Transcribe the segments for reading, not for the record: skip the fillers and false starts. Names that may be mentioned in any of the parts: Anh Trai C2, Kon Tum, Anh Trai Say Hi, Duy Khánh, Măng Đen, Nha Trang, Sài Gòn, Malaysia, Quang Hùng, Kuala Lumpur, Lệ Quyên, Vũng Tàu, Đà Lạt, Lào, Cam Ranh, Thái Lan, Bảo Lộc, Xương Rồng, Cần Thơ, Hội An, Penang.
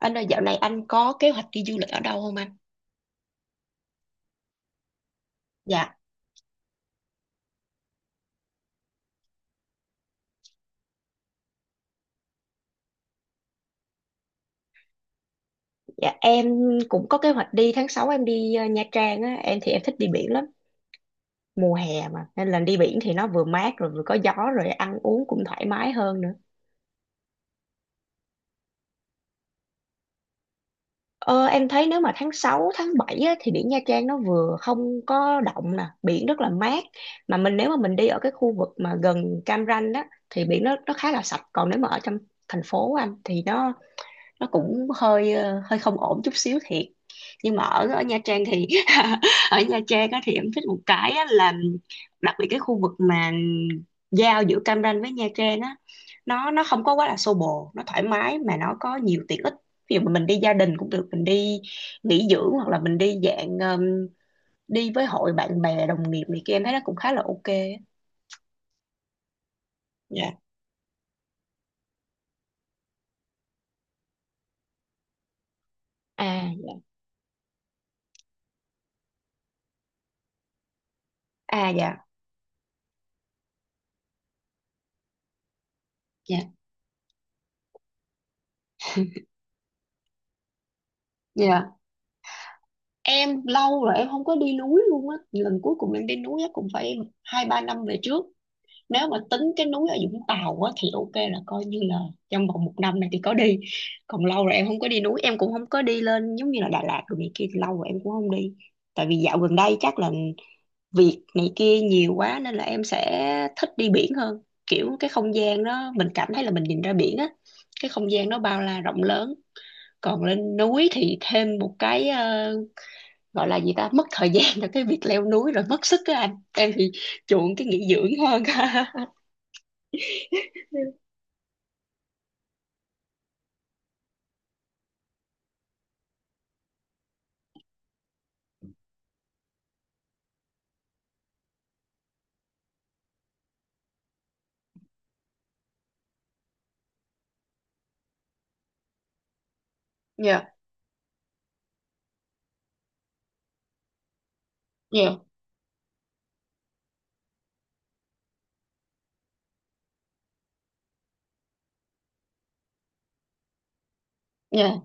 Anh ơi, dạo này anh có kế hoạch đi du lịch ở đâu không anh? Dạ, dạ, em cũng có kế hoạch đi tháng 6. Em đi Nha Trang á. Em thì em thích đi biển lắm, mùa hè mà nên là đi biển thì nó vừa mát rồi vừa có gió rồi ăn uống cũng thoải mái hơn nữa. Ờ, em thấy nếu mà tháng 6, tháng 7 á, thì biển Nha Trang nó vừa không có động nè, biển rất là mát. Mà mình nếu mà mình đi ở cái khu vực mà gần Cam Ranh á thì biển nó khá là sạch, còn nếu mà ở trong thành phố anh thì nó cũng hơi hơi không ổn chút xíu thiệt, nhưng mà ở ở Nha Trang thì ở Nha Trang á, thì em thích một cái á, là đặc biệt cái khu vực mà giao giữa Cam Ranh với Nha Trang á, nó không có quá là xô bồ, nó thoải mái mà nó có nhiều tiện ích. Ví dụ mà mình đi gia đình cũng được, mình đi nghỉ dưỡng hoặc là mình đi dạng đi với hội bạn bè đồng nghiệp này kia, em thấy nó cũng khá là ok á. Dạ. À, dạ. À, dạ. Dạ. Dạ. Em lâu rồi em không có đi núi luôn á. Lần cuối cùng em đi núi á cũng phải 2-3 năm về trước. Nếu mà tính cái núi ở Vũng Tàu á thì ok, là coi như là trong vòng một năm này thì có đi, còn lâu rồi em không có đi núi. Em cũng không có đi lên giống như là Đà Lạt rồi này kia, lâu rồi em cũng không đi. Tại vì dạo gần đây chắc là việc này kia nhiều quá nên là em sẽ thích đi biển hơn. Kiểu cái không gian đó mình cảm thấy là mình nhìn ra biển á, cái không gian nó bao la rộng lớn. Còn lên núi thì thêm một cái gọi là gì ta, mất thời gian cho cái việc leo núi rồi mất sức á anh. Em thì chuộng cái nghỉ dưỡng hơn. Dạ. Dạ. Dạ.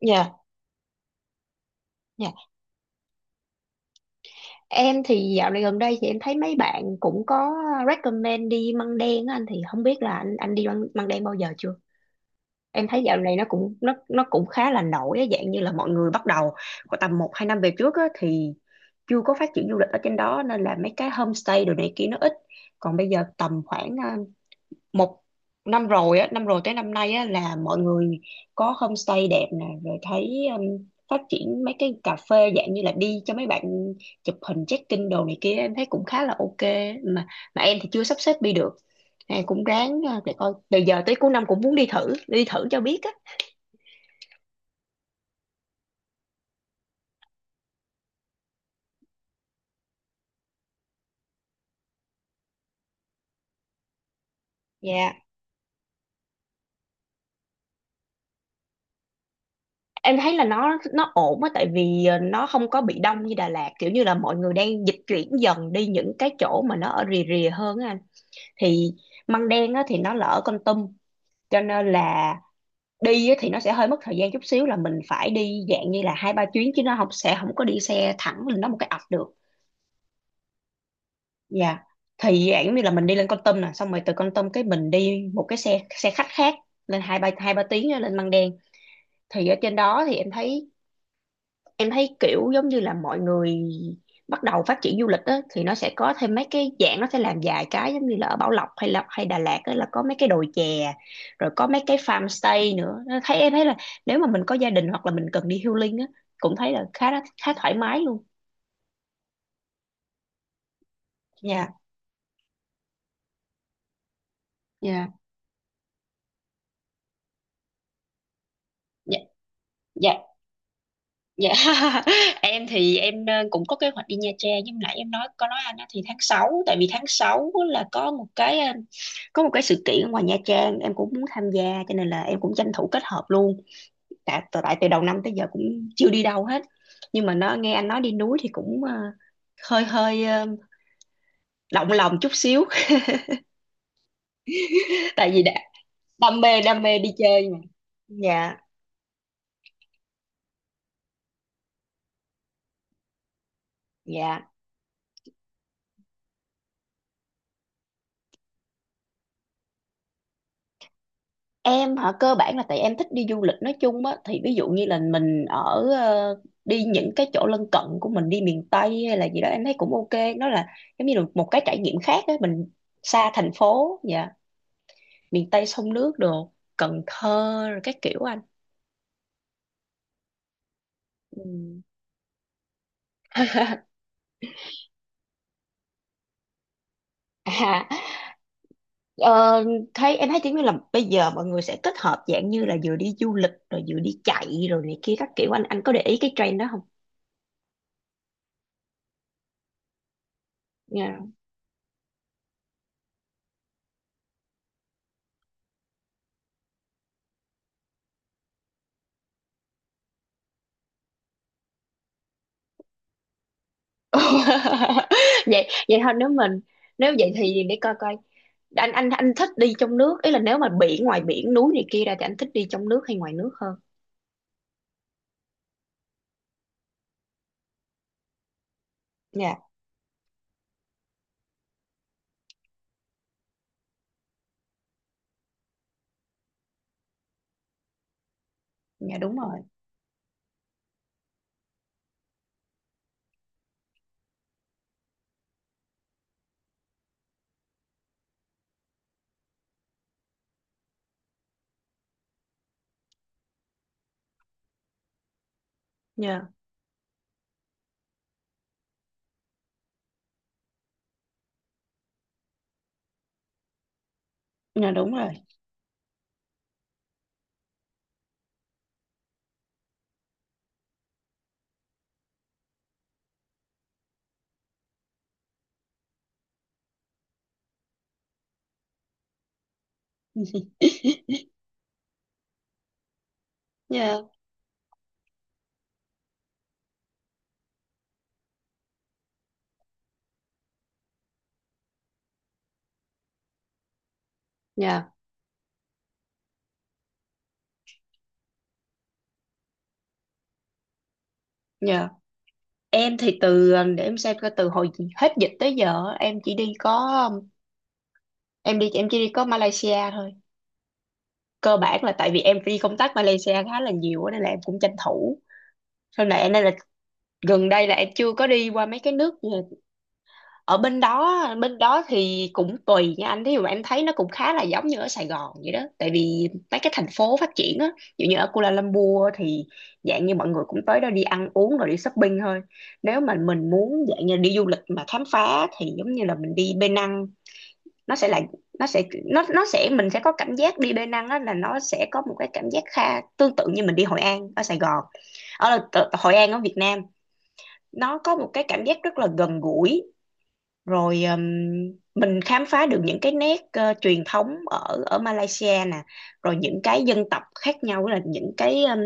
Dạ. Dạ. Em thì dạo này gần đây thì em thấy mấy bạn cũng có recommend đi Măng Đen á. Anh thì không biết là anh đi Măng Đen bao giờ chưa? Em thấy dạo này nó cũng khá là nổi á, dạng như là mọi người bắt đầu khoảng tầm 1-2 năm về trước á, thì chưa có phát triển du lịch ở trên đó nên là mấy cái homestay đồ này kia nó ít. Còn bây giờ tầm khoảng một năm rồi á, năm rồi tới năm nay á, là mọi người có homestay đẹp nè, rồi thấy phát triển mấy cái cà phê dạng như là đi cho mấy bạn chụp hình check-in đồ này kia, em thấy cũng khá là ok. Mà mà em thì chưa sắp xếp đi được. Em cũng ráng để coi từ giờ tới cuối năm cũng muốn đi thử cho biết á. Dạ, em thấy là nó ổn á, tại vì nó không có bị đông như Đà Lạt, kiểu như là mọi người đang dịch chuyển dần đi những cái chỗ mà nó ở rìa rìa hơn á anh. Thì Măng Đen á thì nó là ở Kon Tum, cho nên là đi á thì nó sẽ hơi mất thời gian chút xíu, là mình phải đi dạng như là 2-3 chuyến, chứ nó không, sẽ không có đi xe thẳng lên đó một cái ập được. Dạ, thì dạng như là mình đi lên Kon Tum nè, xong rồi từ Kon Tum cái mình đi một cái xe xe khách khác, lên hai ba tiếng á, lên Măng Đen. Thì ở trên đó thì em thấy kiểu giống như là mọi người bắt đầu phát triển du lịch á, thì nó sẽ có thêm mấy cái dạng, nó sẽ làm vài cái giống như là ở Bảo Lộc hay Đà Lạt á, là có mấy cái đồi chè rồi có mấy cái farm stay nữa. Nó thấy em thấy là nếu mà mình có gia đình hoặc là mình cần đi healing á, cũng thấy là khá khá thoải mái luôn nha. Dạ. Dạ. Dạ. Em thì em cũng có kế hoạch đi Nha Trang, nhưng nãy em nói có nói anh á, thì tháng sáu, tại vì tháng 6 là có một cái sự kiện ở ngoài Nha Trang em cũng muốn tham gia, cho nên là em cũng tranh thủ kết hợp luôn. Tại tại tại từ đầu năm tới giờ cũng chưa đi đâu hết. Nhưng mà nó, nghe anh nói đi núi thì cũng hơi hơi động lòng chút xíu. Tại vì đã đam mê đi chơi mà. Dạ. Dạ. Em hả? Cơ bản là tại em thích đi du lịch nói chung á, thì ví dụ như là mình ở đi những cái chỗ lân cận của mình, đi miền Tây hay là gì đó em thấy cũng ok. Nó là giống như là một cái trải nghiệm khác á, mình xa thành phố. Dạ, miền Tây sông nước đồ, Cần Thơ rồi các kiểu anh. Ừ. À, ờ, thấy em thấy kiểu như là bây giờ mọi người sẽ kết hợp dạng như là vừa đi du lịch rồi vừa đi chạy rồi này kia các kiểu. Anh có để ý cái trend đó không? Vậy vậy thôi. Nếu vậy thì để coi coi. Anh thích đi trong nước, ý là nếu mà biển, ngoài biển núi này kia ra, thì anh thích đi trong nước hay ngoài nước hơn? Dạ. Dạ đúng rồi. Dạ. Dạ đúng rồi. Dạ. Nha. Dạ. Em thì từ, để em xem coi, từ hồi hết dịch tới giờ em chỉ đi có em đi em chỉ đi có Malaysia thôi. Cơ bản là tại vì em đi công tác Malaysia khá là nhiều á, nên là em cũng tranh thủ. Sau này nên là gần đây là em chưa có đi qua mấy cái nước ở bên đó. Bên đó thì cũng tùy nha anh, thí dụ mà em thấy nó cũng khá là giống như ở Sài Gòn vậy đó, tại vì mấy cái thành phố phát triển á. Ví dụ như ở Kuala Lumpur thì dạng như mọi người cũng tới đó đi ăn uống rồi đi shopping thôi. Nếu mà mình muốn dạng như đi du lịch mà khám phá thì giống như là mình đi Penang Năng, nó sẽ là nó sẽ mình sẽ có cảm giác đi Penang Năng á, là nó sẽ có một cái cảm giác kha tương tự như mình đi Hội An ở Sài Gòn, Hội An ở Việt Nam. Nó có một cái cảm giác rất là gần gũi. Rồi mình khám phá được những cái nét truyền thống ở ở Malaysia nè, rồi những cái dân tộc khác nhau, là những cái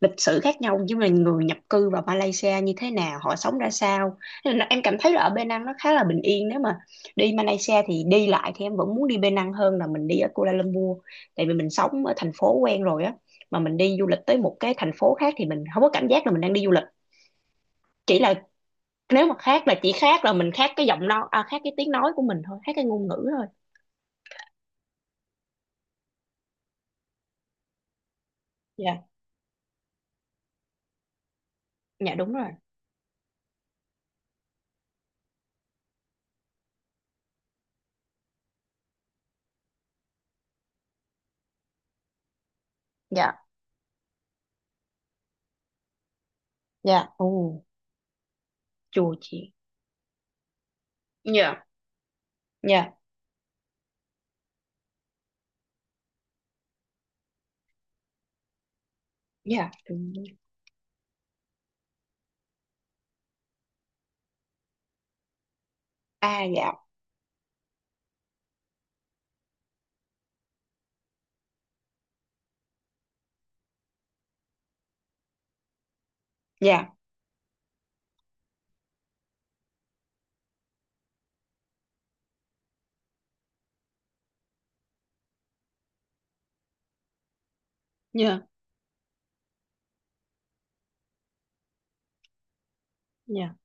lịch sử khác nhau, như là người nhập cư vào Malaysia như thế nào, họ sống ra sao. Nên là em cảm thấy là ở Penang nó khá là bình yên. Nếu mà đi Malaysia thì đi lại thì em vẫn muốn đi Penang hơn là mình đi ở Kuala Lumpur, tại vì mình sống ở thành phố quen rồi á, mà mình đi du lịch tới một cái thành phố khác thì mình không có cảm giác là mình đang đi du lịch. Chỉ là nếu mà khác là chỉ khác là mình khác cái giọng nói, à, khác cái tiếng nói của mình thôi, khác cái ngôn ngữ thôi. Dạ. Dạ đúng rồi. Dạ. Dạ. Ồ, chùa chị. Dạ. Dạ. Dạ. À, dạ. Dạ. Dạ. Dạ.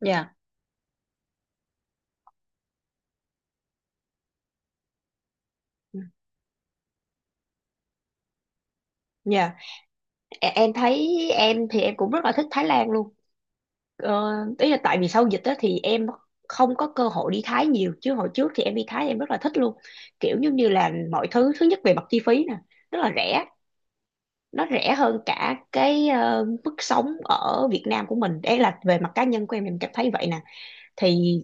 Dạ. Dạ. Em thấy em thì em cũng rất là thích Thái Lan luôn. Ờ, ý là tại vì sau dịch đó thì em không có cơ hội đi Thái nhiều, chứ hồi trước thì em đi Thái em rất là thích luôn. Kiểu giống như là mọi thứ, thứ nhất về mặt chi phí nè, rất là rẻ, nó rẻ hơn cả cái mức sống ở Việt Nam của mình. Đấy là về mặt cá nhân của em cảm thấy vậy nè. Thì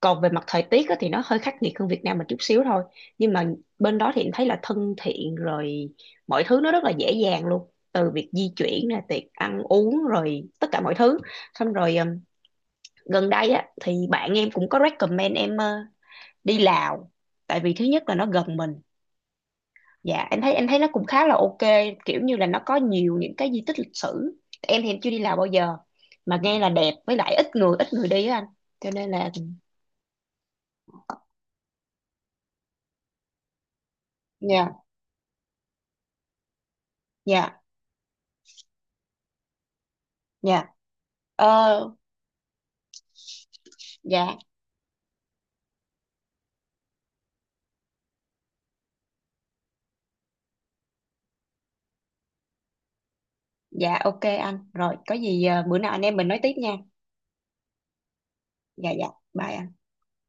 còn về mặt thời tiết á, thì nó hơi khắc nghiệt hơn Việt Nam một chút xíu thôi, nhưng mà bên đó thì em thấy là thân thiện rồi, mọi thứ nó rất là dễ dàng luôn, từ việc di chuyển nè, tiệc ăn uống rồi tất cả mọi thứ. Xong rồi gần đây á thì bạn em cũng có recommend em đi Lào, tại vì thứ nhất là nó gần mình. Dạ, em thấy, em thấy nó cũng khá là ok. Kiểu như là nó có nhiều những cái di tích lịch sử. Em thì em chưa đi Lào bao giờ, mà nghe là đẹp với lại ít người, ít người đi á anh, cho nên là. Dạ. Dạ. Dạ. Ờ. Dạ. Dạ, ok anh. Rồi có gì bữa nào anh em mình nói tiếp nha. Dạ. Dạ, bye anh.